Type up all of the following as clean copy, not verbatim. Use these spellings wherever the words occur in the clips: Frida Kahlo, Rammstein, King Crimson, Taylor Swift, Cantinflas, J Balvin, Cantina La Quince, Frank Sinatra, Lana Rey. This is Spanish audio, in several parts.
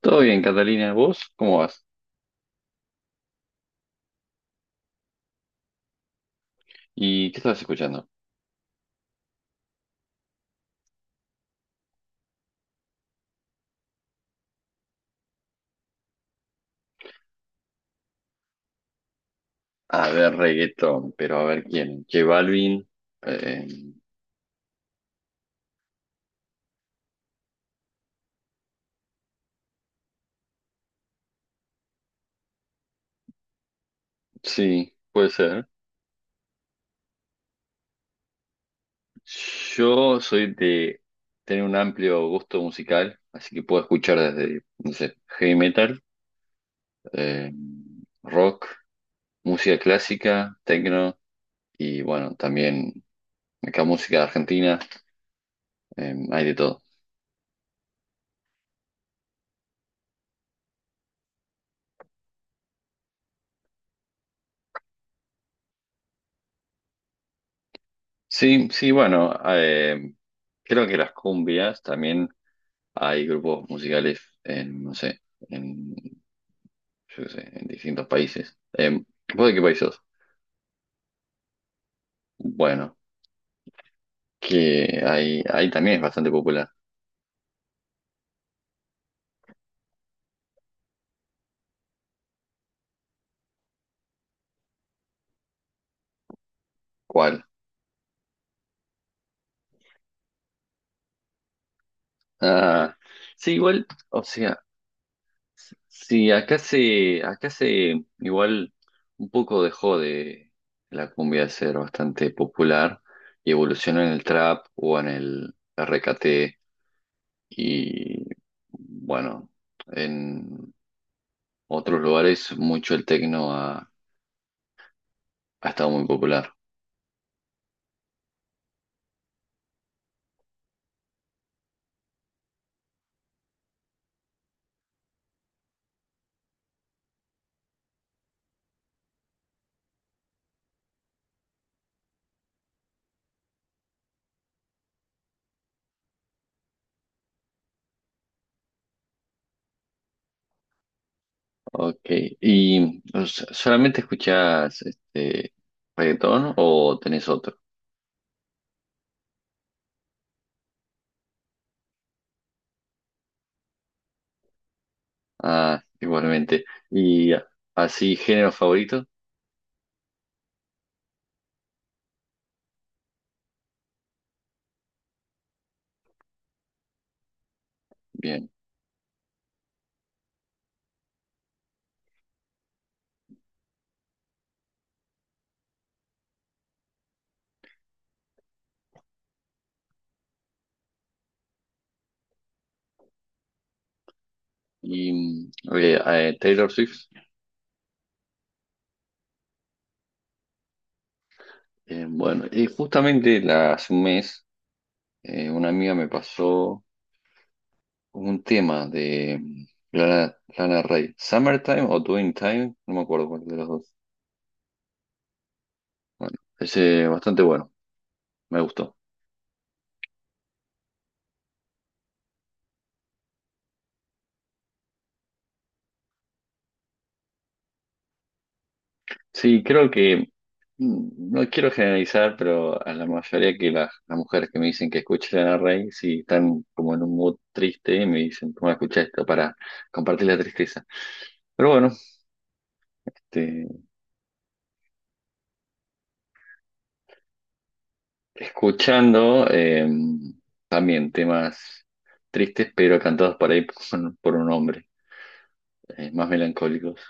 Todo bien, Catalina, ¿vos cómo vas? ¿Y qué estabas escuchando? A ver, reggaetón, pero a ver quién. J Balvin. eh, sí, puede ser. Yo soy de tener un amplio gusto musical, así que puedo escuchar desde, no sé, heavy metal, eh, rock, música clásica, techno y bueno, también acá música argentina. Hay de todo. Sí, sí, bueno, creo que las cumbias también. Hay grupos musicales en, no sé, en, yo qué sé, en distintos países. ¿Vos de qué país sos? Bueno, que ahí también es bastante popular. ¿Cuál? Ah, sí, igual, o sea, sí, igual, un poco dejó de la cumbia de ser bastante popular y evolucionó en el trap o en el RKT y, bueno, en otros lugares mucho el tecno ha, ha estado muy popular. Ok. ¿Y o sea, solamente escuchás este reggaetón o tenés otro? Ah, igualmente. ¿Y así género favorito? Bien. Y eh, Taylor Swift. Bueno, y justamente hace un mes una amiga me pasó un tema de Lana Rey. ¿Summertime o Doing Time? No me acuerdo cuál de los dos. Bueno, ese bastante bueno. Me gustó. Sí, creo que, no quiero generalizar, pero a la mayoría que las mujeres que me dicen que escuchen a Rey, si están como en un mood triste, me dicen, toma, escucha esto para compartir la tristeza. Pero bueno, este, escuchando también temas tristes, pero cantados por ahí por un hombre, más melancólicos.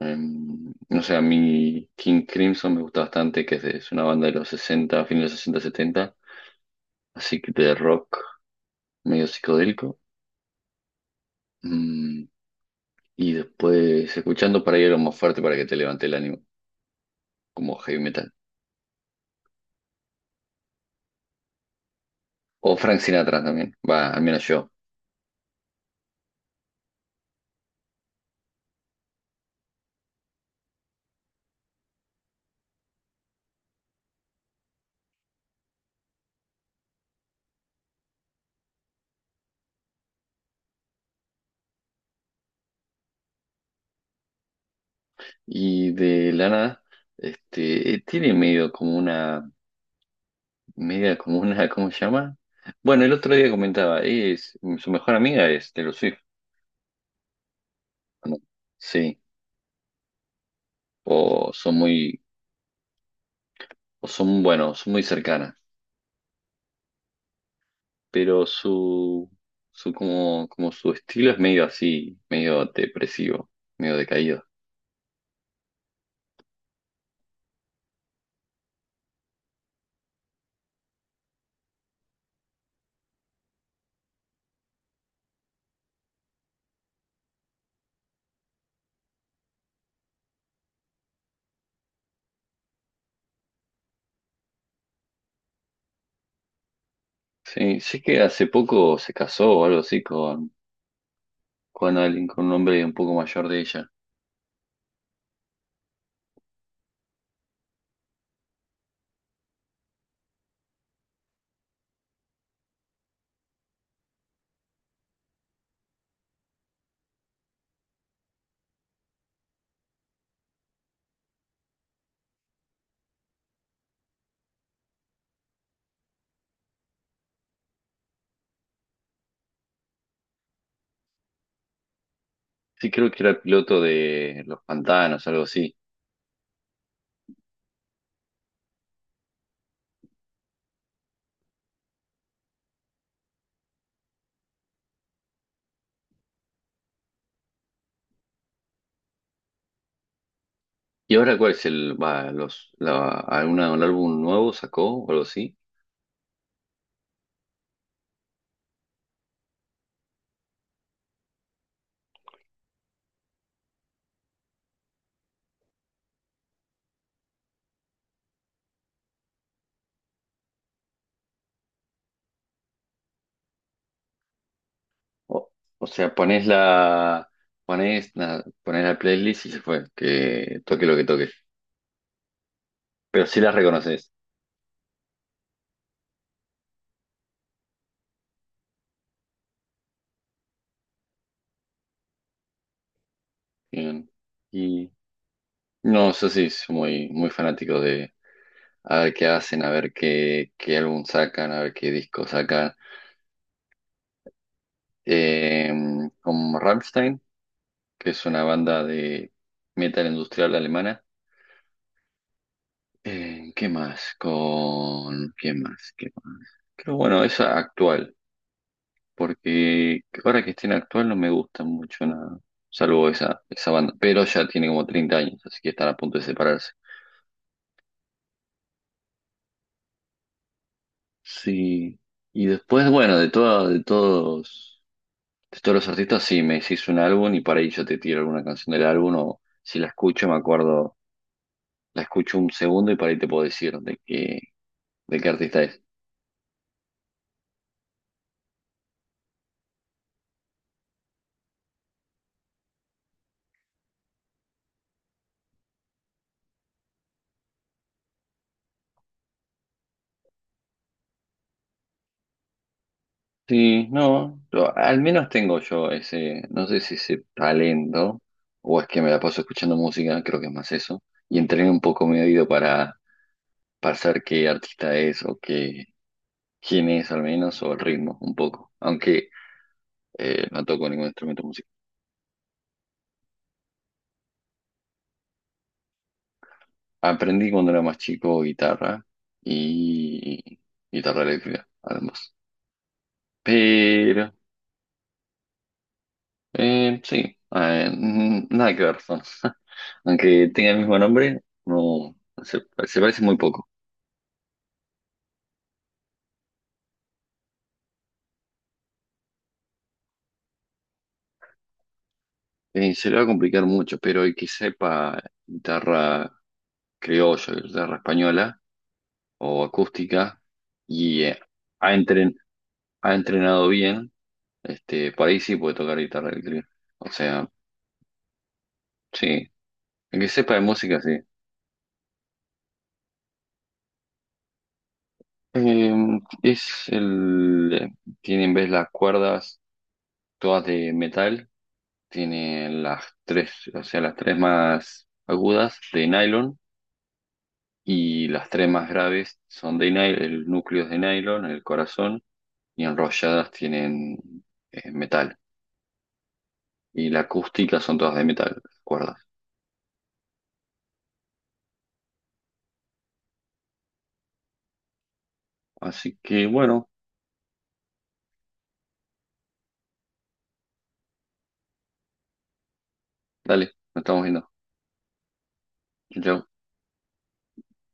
No sé, a mí King Crimson me gusta bastante, que es, es una banda de los sesenta, fines de los 60 setenta, así que de rock medio psicodélico. Mm, y después escuchando por ahí algo más fuerte para que te levante el ánimo, como heavy metal. O Frank Sinatra también, va, al menos yo. Y de la nada, tiene medio como una, media como una, ¿cómo se llama? Bueno, el otro día comentaba, es, su mejor amiga es Taylor Swift, ¿o no? Sí, o son muy, o son, bueno, son muy cercanas, pero su como, como su estilo es medio así, medio depresivo, medio decaído. Sí, sé que hace poco se casó o algo así con alguien, con un hombre un poco mayor de ella. Sí, creo que era piloto de Los Pantanos, algo así. ¿Y ahora cuál es el, va, los, la, alguna, un álbum nuevo sacó o algo así? O, o sea, pones la, pones la playlist y se fue, que toque lo que toque. Pero sí las reconoces. Bien. Y no, yo sí soy muy, muy fanático de a ver qué hacen, a ver qué, qué álbum sacan, a ver qué disco sacan. Eh, Como Rammstein, que es una banda de metal industrial alemana. ¿Qué más? Con... ¿Qué más? ¿Qué más? Pero bueno, esa actual, porque ahora que esté en actual no me gusta mucho nada, salvo esa, esa banda, pero ya tiene como 30 años, así que están a punto de separarse. Sí, y después, bueno, de todo, de todos los artistas, sí, me decís un álbum y para ahí yo te tiro alguna canción del álbum, o si la escucho, me acuerdo, la escucho un segundo y para ahí te puedo decir de qué artista es. Sí, no, al menos tengo yo ese, no sé si ese talento, o es que me la paso escuchando música, creo que es más eso, y entrené un poco mi oído para saber qué artista es o qué, quién es al menos, o el ritmo un poco, aunque no toco ningún instrumento musical. Aprendí cuando era más chico guitarra y guitarra eléctrica, además. Pero sí, nada que ver son. Aunque tenga el mismo nombre, no se, se parece muy poco. Se le va a complicar mucho, pero el que sepa guitarra criolla, guitarra española o acústica y ha, entren- ha entrenado bien, para ahí sí puede tocar guitarra eléctrica. O sea, sí, el que sepa de música, sí. Eh, es el, tiene en vez las cuerdas todas de metal. Tiene las tres, o sea, las tres más agudas de nylon y las tres más graves son de nylon, el núcleo es de nylon, el corazón, y enrolladas tienen metal. Y la acústica son todas de metal, las cuerdas. Así que bueno, dale, nos estamos viendo. Chau, chau.